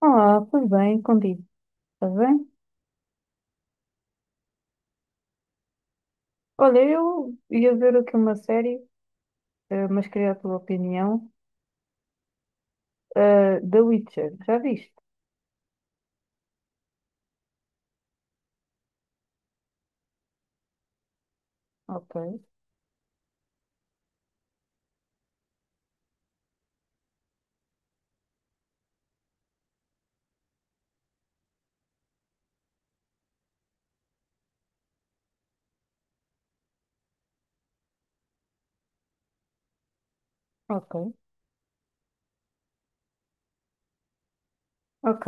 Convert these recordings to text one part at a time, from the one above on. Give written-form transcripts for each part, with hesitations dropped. Olá, tudo bem contigo? Estás bem? Olha, eu ia ver aqui uma série, mas queria a tua opinião. The Witcher, já viste? Ok, ok, ok.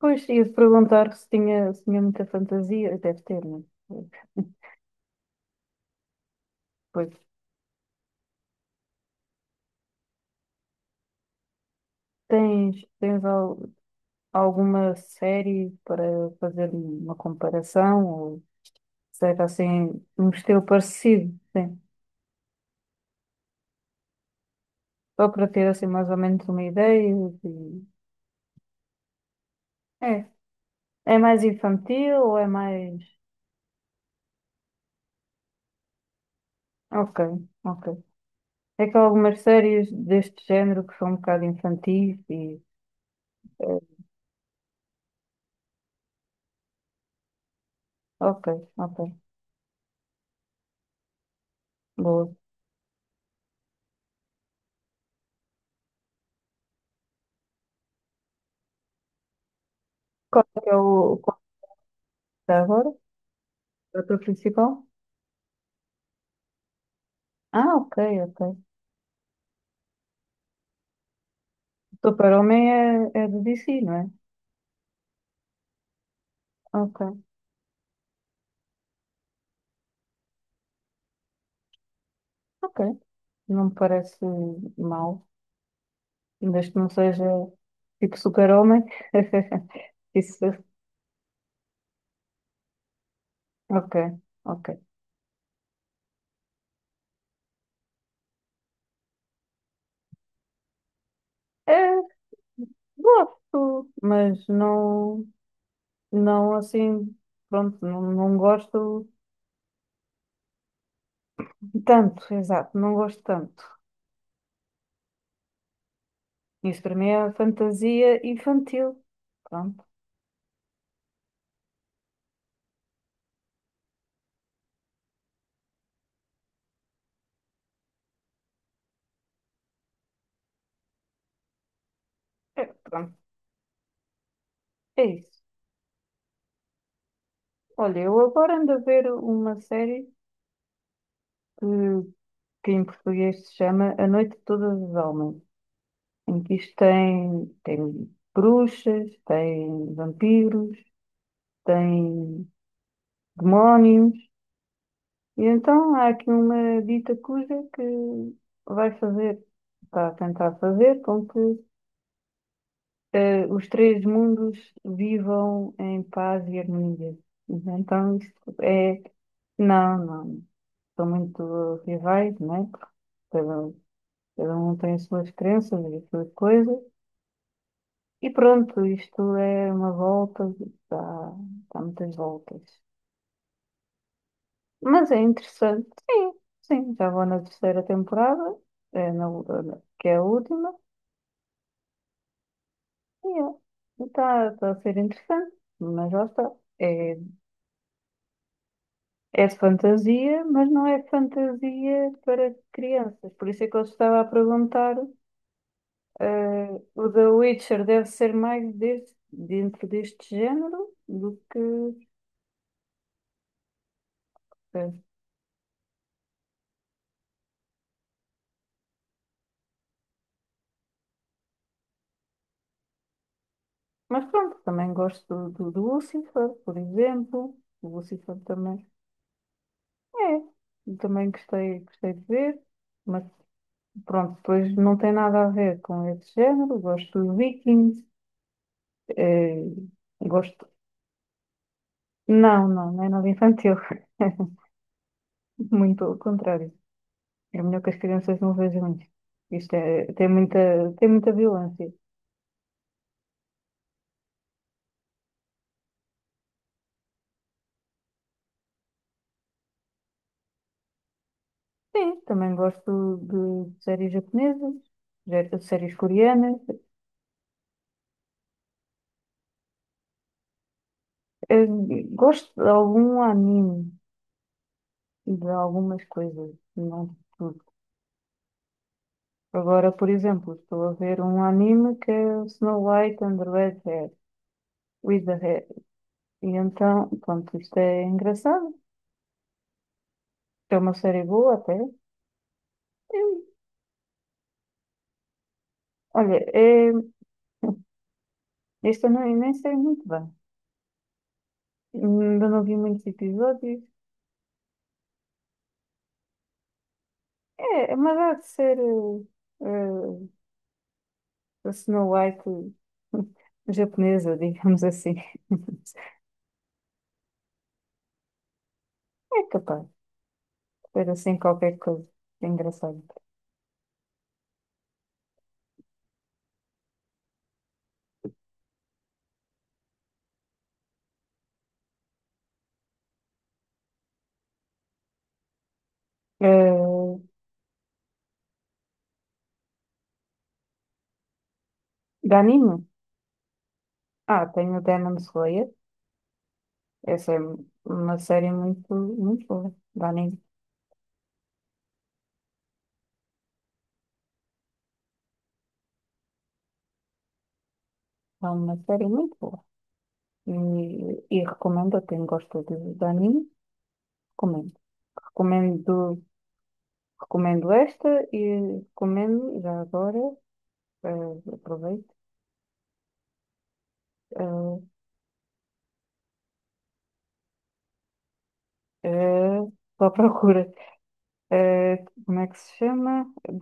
Pois ia-te perguntar se tinha, se tinha muita fantasia. Deve ter, não é? Pois. Tens, tens al- Alguma série para fazer uma comparação? Ou seja, assim, um estilo parecido? Sim. Só para ter assim mais ou menos uma ideia. de- É. É mais infantil ou é mais? Ok, ok. É que há algumas séries deste género que são um bocado infantis e... eh, Ok, ok. Boa. Qual é que é agora? O ator principal? Ah, ok, ok. Super-Homem é, é de DC, não é? Ok, ok. Não me parece mau, desde que não seja tipo Super-Homem. Isso, ok, ok. É, gosto, mas não. Não, assim, pronto, não, exato, não gosto tanto. Isso para mim é fantasia infantil. Pronto, pronto, é isso. Olha, eu agora ando a ver uma série que, que em português se chama A Noite Toda dos Almas, em que isto tem, tem bruxas, tem vampiros, tem demónios, e então há aqui uma dita cuja que vai fazer, está a tentar fazer com que os três mundos vivam em paz e harmonia. Então, isto é... Não, não. São muito rivais, né? Cada, um, cada um tem as suas crenças e as suas coisas. E pronto, isto é uma volta, dá, dá muitas voltas. Mas é interessante. Sim, sim. Já vou na terceira temporada, é na, que é a última. E é. Está a ser interessante, mas já está. É. É de fantasia, mas não é fantasia para crianças. Por isso é que eu estava a perguntar, o The Witcher deve ser mais dentro deste género do que... eh, Mas pronto, também gosto do Lucifer, por exemplo. O Lucifer também é, eu também gostei, gostei de ver, mas pronto, depois não tem nada a ver com esse género. Gosto de Vikings, eh, gosto... Não, não, não é nada infantil. Muito pelo contrário. É melhor que as crianças não vejam isto. Isto é, tem muita violência. Sim, também gosto de séries japonesas, de séries coreanas. Eh, gosto de algum anime e de algumas coisas, não de tudo. Agora, por exemplo, estou a ver um anime que é o Snow White and the Red Hair, with the Hair. E então, pronto, isto é engraçado. É uma série boa até. E, olha, é, isto eu não, nem sei muito bem. Ainda não vi muitos episódios. É, mas há de ser uh, a Snow White japonesa, digamos assim. É capaz de ser assim qualquer coisa. É engraçado. Uh, de anime? Ah, tenho Demon Slayer. Essa é uma série muito, muito boa. De anime. É uma série muito boa. E, e recomendo a quem gosta de anime. Recomendo. Recomendo, recomendo esta e recomendo já agora. Aproveito. eh, eh, Estou à procura. Eh, como é que se chama?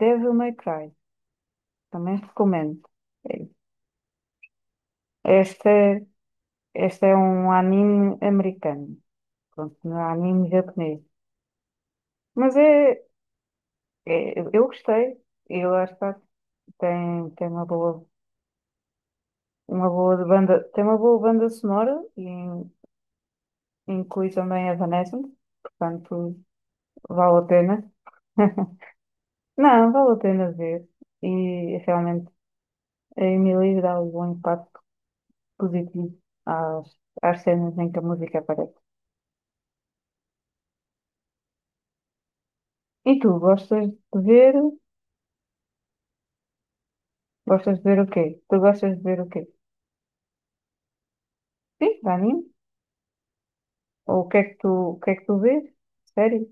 Devil May Cry. Também recomendo. Eh, Esta, esta é um anime americano. Pronto, não é anime japonês. Mas é, é- eu gostei. E lá está. Tem, tem uma boa banda, tem uma boa banda sonora e inclui também Evanescence. Portanto, vale a pena. Não, vale a pena ver. E realmente. A Emily dá um impacto positivo às, às cenas em que a música aparece. E tu, gostas de ver? Gostas de ver o quê? Tu gostas de ver o quê? Sim, anime? Ou o que é que tu vês? Sério?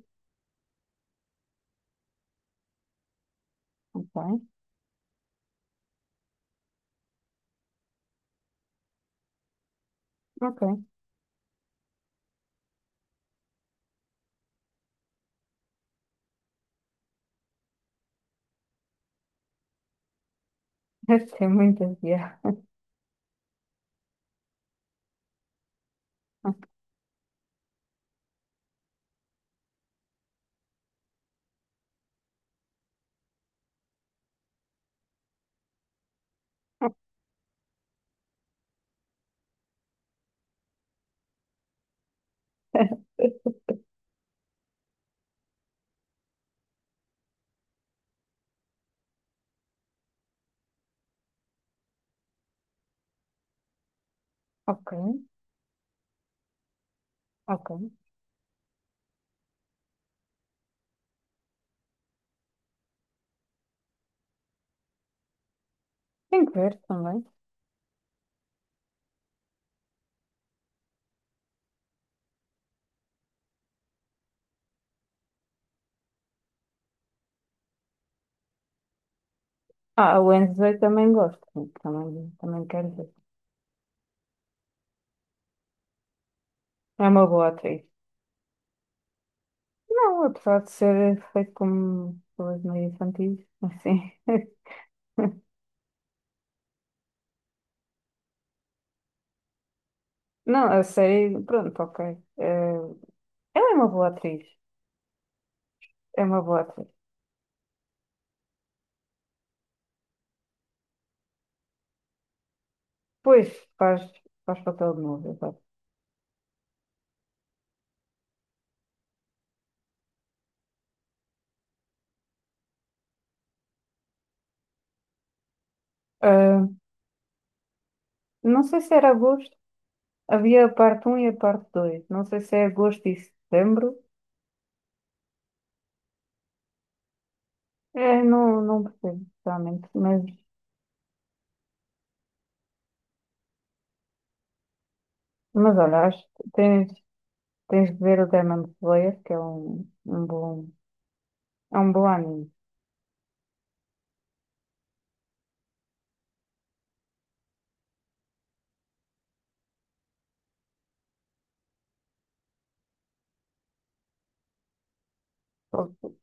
Bem, ok. Deve ter muita piada. Ok, ok. Tem que ver também. Ah, a Wednesday também gosto. Também, também quero ver. É uma boa atriz. Não, apesar de ser feito como pessoas meio infantis, assim. Não, a série, pronto, ok. Eh, ela é uma boa atriz. É uma boa atriz. Pois, faz, faz papel de novo, exato. Ah, não sei se era agosto. Havia a parte um e a parte 2. Não sei se é agosto e setembro. É, não, não percebo, realmente. Mas olha, acho que tens, tens de ver o Demon Slayer, que é um, um bom, é um bom anime. To-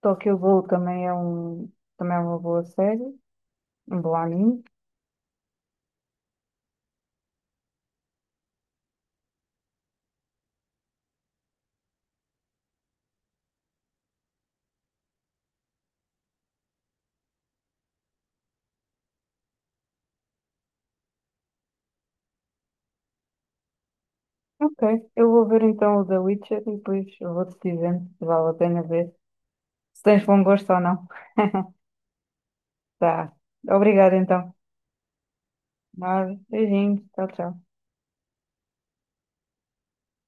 Tokyo Ghoul também é um, também é uma boa série, um bom anime. Ok, eu vou ver então o The Witcher e depois eu vou-te dizendo se vale a pena ver se tens bom gosto ou não. Tá. Obrigada então. Nada. Beijinhos. Tchau, tchau.